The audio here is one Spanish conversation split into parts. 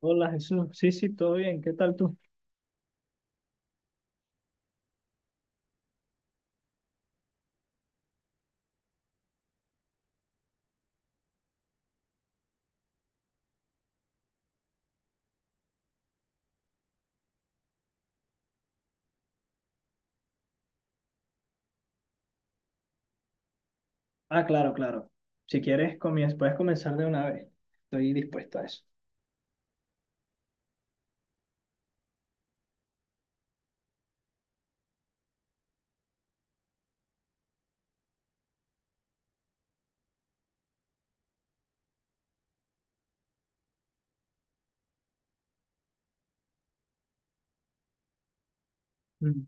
Hola Jesús, sí, sí, todo bien, ¿qué tal tú? Ah, claro, claro. Si quieres, comienza, puedes comenzar de una vez. Estoy dispuesto a eso. Mm.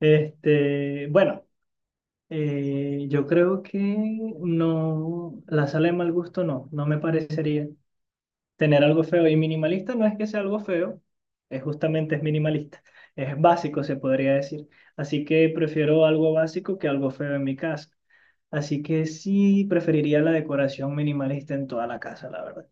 Este, bueno, yo creo que no, la sala de mal gusto no, no me parecería tener algo feo. Y minimalista no es que sea algo feo, es justamente es minimalista, es básico, se podría decir. Así que prefiero algo básico que algo feo en mi casa. Así que sí, preferiría la decoración minimalista en toda la casa, la verdad. O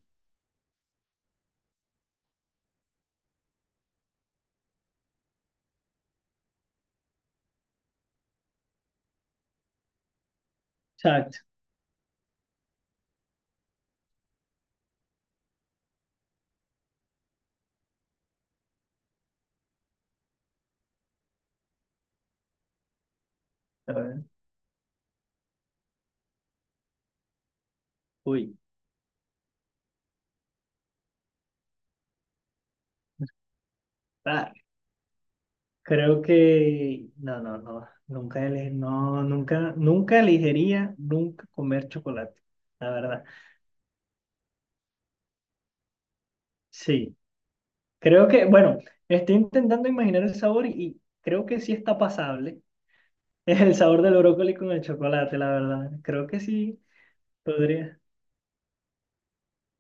a ver, uy, ah, creo que no, no, no, nunca ele- no, nunca, nunca elegiría nunca comer chocolate, la verdad. Sí, creo que, bueno, estoy intentando imaginar el sabor y creo que sí está pasable. Es el sabor del brócoli con el chocolate, la verdad. Creo que sí, podría.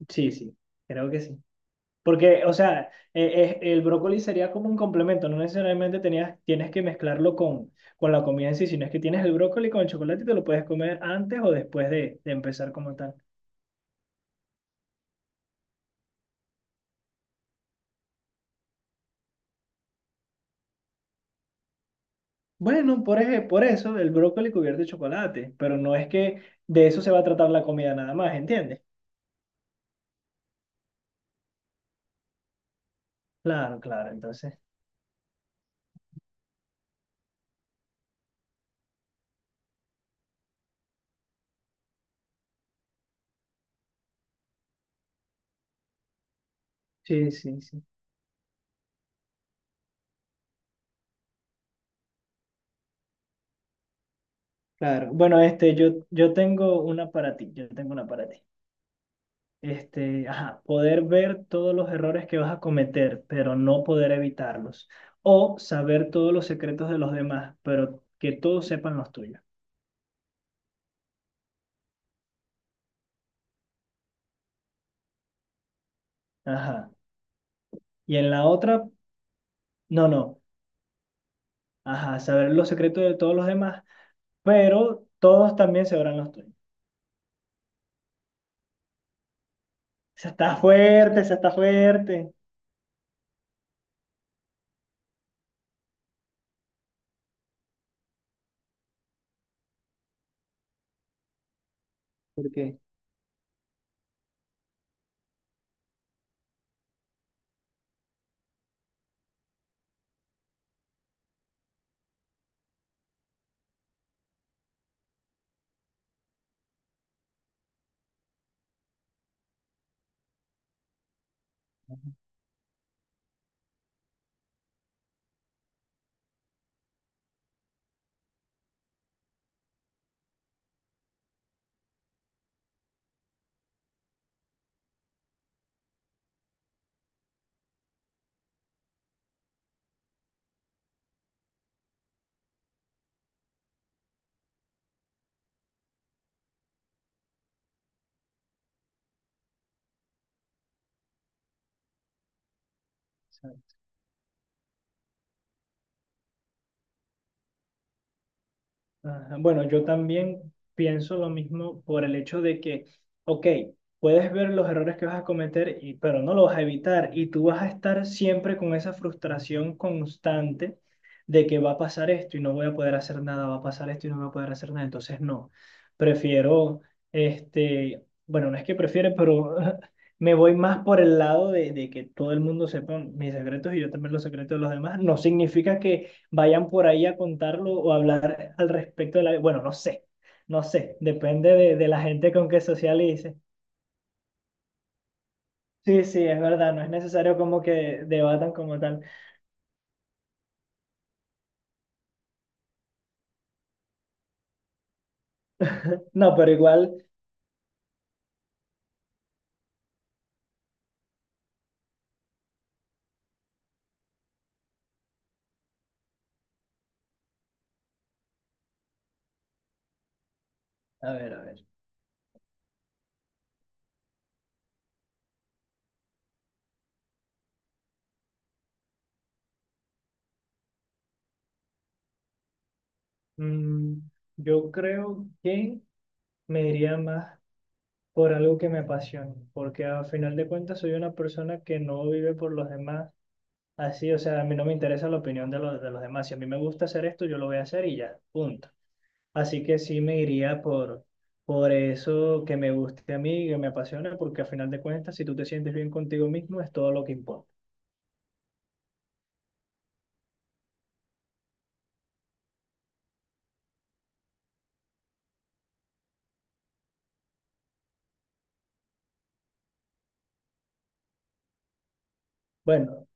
Sí, sí, creo que sí. Porque, o sea, el brócoli sería como un complemento, no necesariamente tenías, tienes que mezclarlo con la comida en sí, sino es que tienes el brócoli con el chocolate y te lo puedes comer antes o después de empezar como tal. Bueno, por eso el brócoli cubierto de chocolate, pero no es que de eso se va a tratar la comida nada más, ¿entiendes? Claro, claro, entonces. Sí, sí, sí. Claro. Bueno, este, yo tengo una para ti, yo tengo una para ti. Este, ajá, poder ver todos los errores que vas a cometer, pero no poder evitarlos. O saber todos los secretos de los demás, pero que todos sepan los tuyos. Ajá. Y en la otra, no, no. Ajá, saber los secretos de todos los demás, pero todos también sabrán los tuyos. Esa está fuerte, esa está fuerte. ¿Por qué? Ajá, bueno, yo también pienso lo mismo por el hecho de que, ok, puedes ver los errores que vas a cometer, y, pero no los vas a evitar y tú vas a estar siempre con esa frustración constante de que va a pasar esto y no voy a poder hacer nada, va a pasar esto y no voy a poder hacer nada. Entonces, no, prefiero, este, bueno, no es que prefiere, pero me voy más por el lado de que todo el mundo sepa mis secretos y yo también los secretos de los demás. No significa que vayan por ahí a contarlo o hablar al respecto de la... Bueno, no sé, no sé, depende de la gente con que socialice. Sí, sí, es verdad, no es necesario como que debatan como tal. No, pero igual, a ver, a ver. Mm, yo creo que me iría más por algo que me apasione, porque al final de cuentas soy una persona que no vive por los demás. Así, o sea, a mí no me interesa la opinión de los demás. Si a mí me gusta hacer esto, yo lo voy a hacer y ya, punto. Así que sí me iría por eso que me guste a mí, que me apasiona, porque a final de cuentas, si tú te sientes bien contigo mismo, es todo lo que importa. Bueno,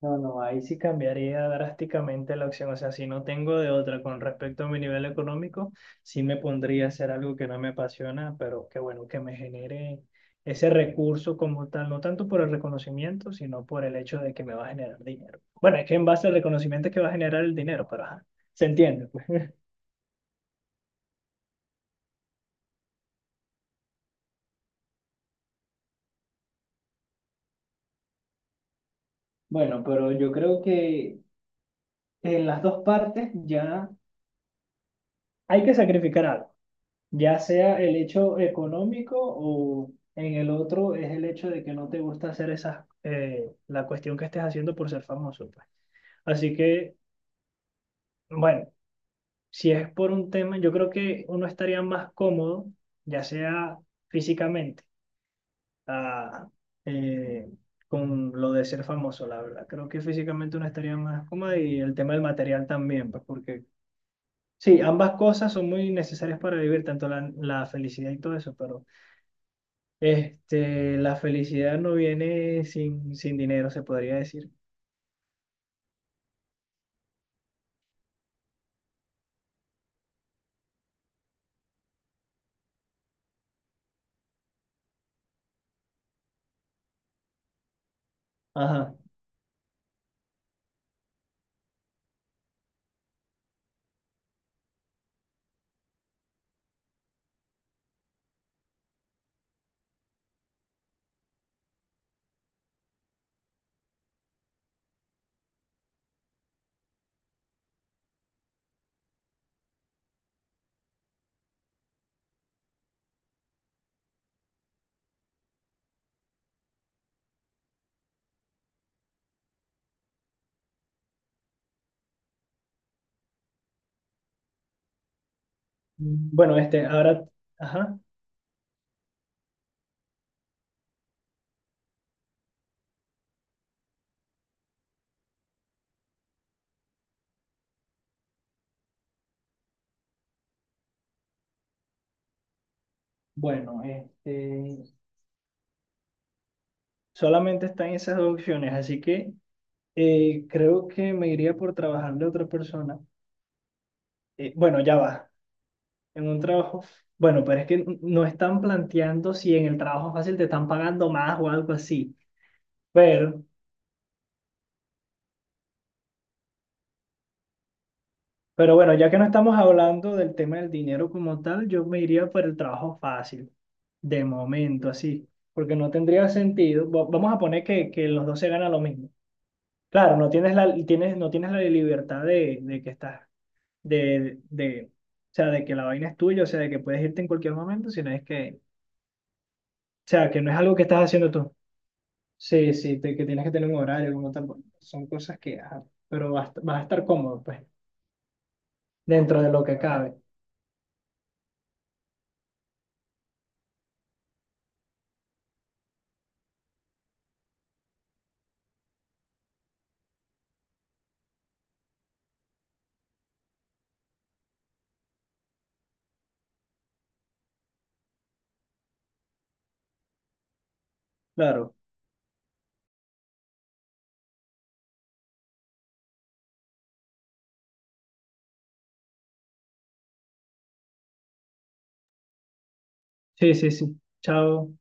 no, no, ahí sí cambiaría drásticamente la opción. O sea, si no tengo de otra con respecto a mi nivel económico, sí me pondría a hacer algo que no me apasiona, pero que bueno, que me genere ese recurso como tal, no tanto por el reconocimiento, sino por el hecho de que me va a generar dinero. Bueno, es que en base al reconocimiento es que va a generar el dinero, pero ajá, se entiende. Bueno, pero yo creo que en las dos partes ya hay que sacrificar algo, ya sea el hecho económico o en el otro es el hecho de que no te gusta hacer esas, la cuestión que estés haciendo por ser famoso, pues. Así que, bueno, si es por un tema, yo creo que uno estaría más cómodo, ya sea físicamente, ah, eh, con lo de ser famoso, la verdad. Creo que físicamente uno estaría más cómodo y el tema del material también, pues, porque sí, ambas cosas son muy necesarias para vivir, tanto la, la felicidad y todo eso, pero este, la felicidad no viene sin, sin dinero, se podría decir. Ajá. Bueno, este, ahora, ajá. Bueno, este, solamente están esas dos opciones, así que creo que me iría por trabajarle a otra persona. Bueno, ya va, en un trabajo. Bueno, pero es que no están planteando si en el trabajo fácil te están pagando más o algo así, pero Pero bueno, ya que no estamos hablando del tema del dinero como tal, yo me iría por el trabajo fácil, de momento, así, porque no tendría sentido. Vamos a poner que los dos se ganan lo mismo. Claro, no tienes la, tienes, no tienes la libertad de que estás, de, o sea, de que la vaina es tuya, o sea, de que puedes irte en cualquier momento, sino es que, o sea, que no es algo que estás haciendo tú. Sí, sí, que tienes que tener un horario como tal. Son cosas que, ajá, pero vas, vas a estar cómodo, pues, dentro de lo que cabe. Claro. Sí, sí, sí. Chao.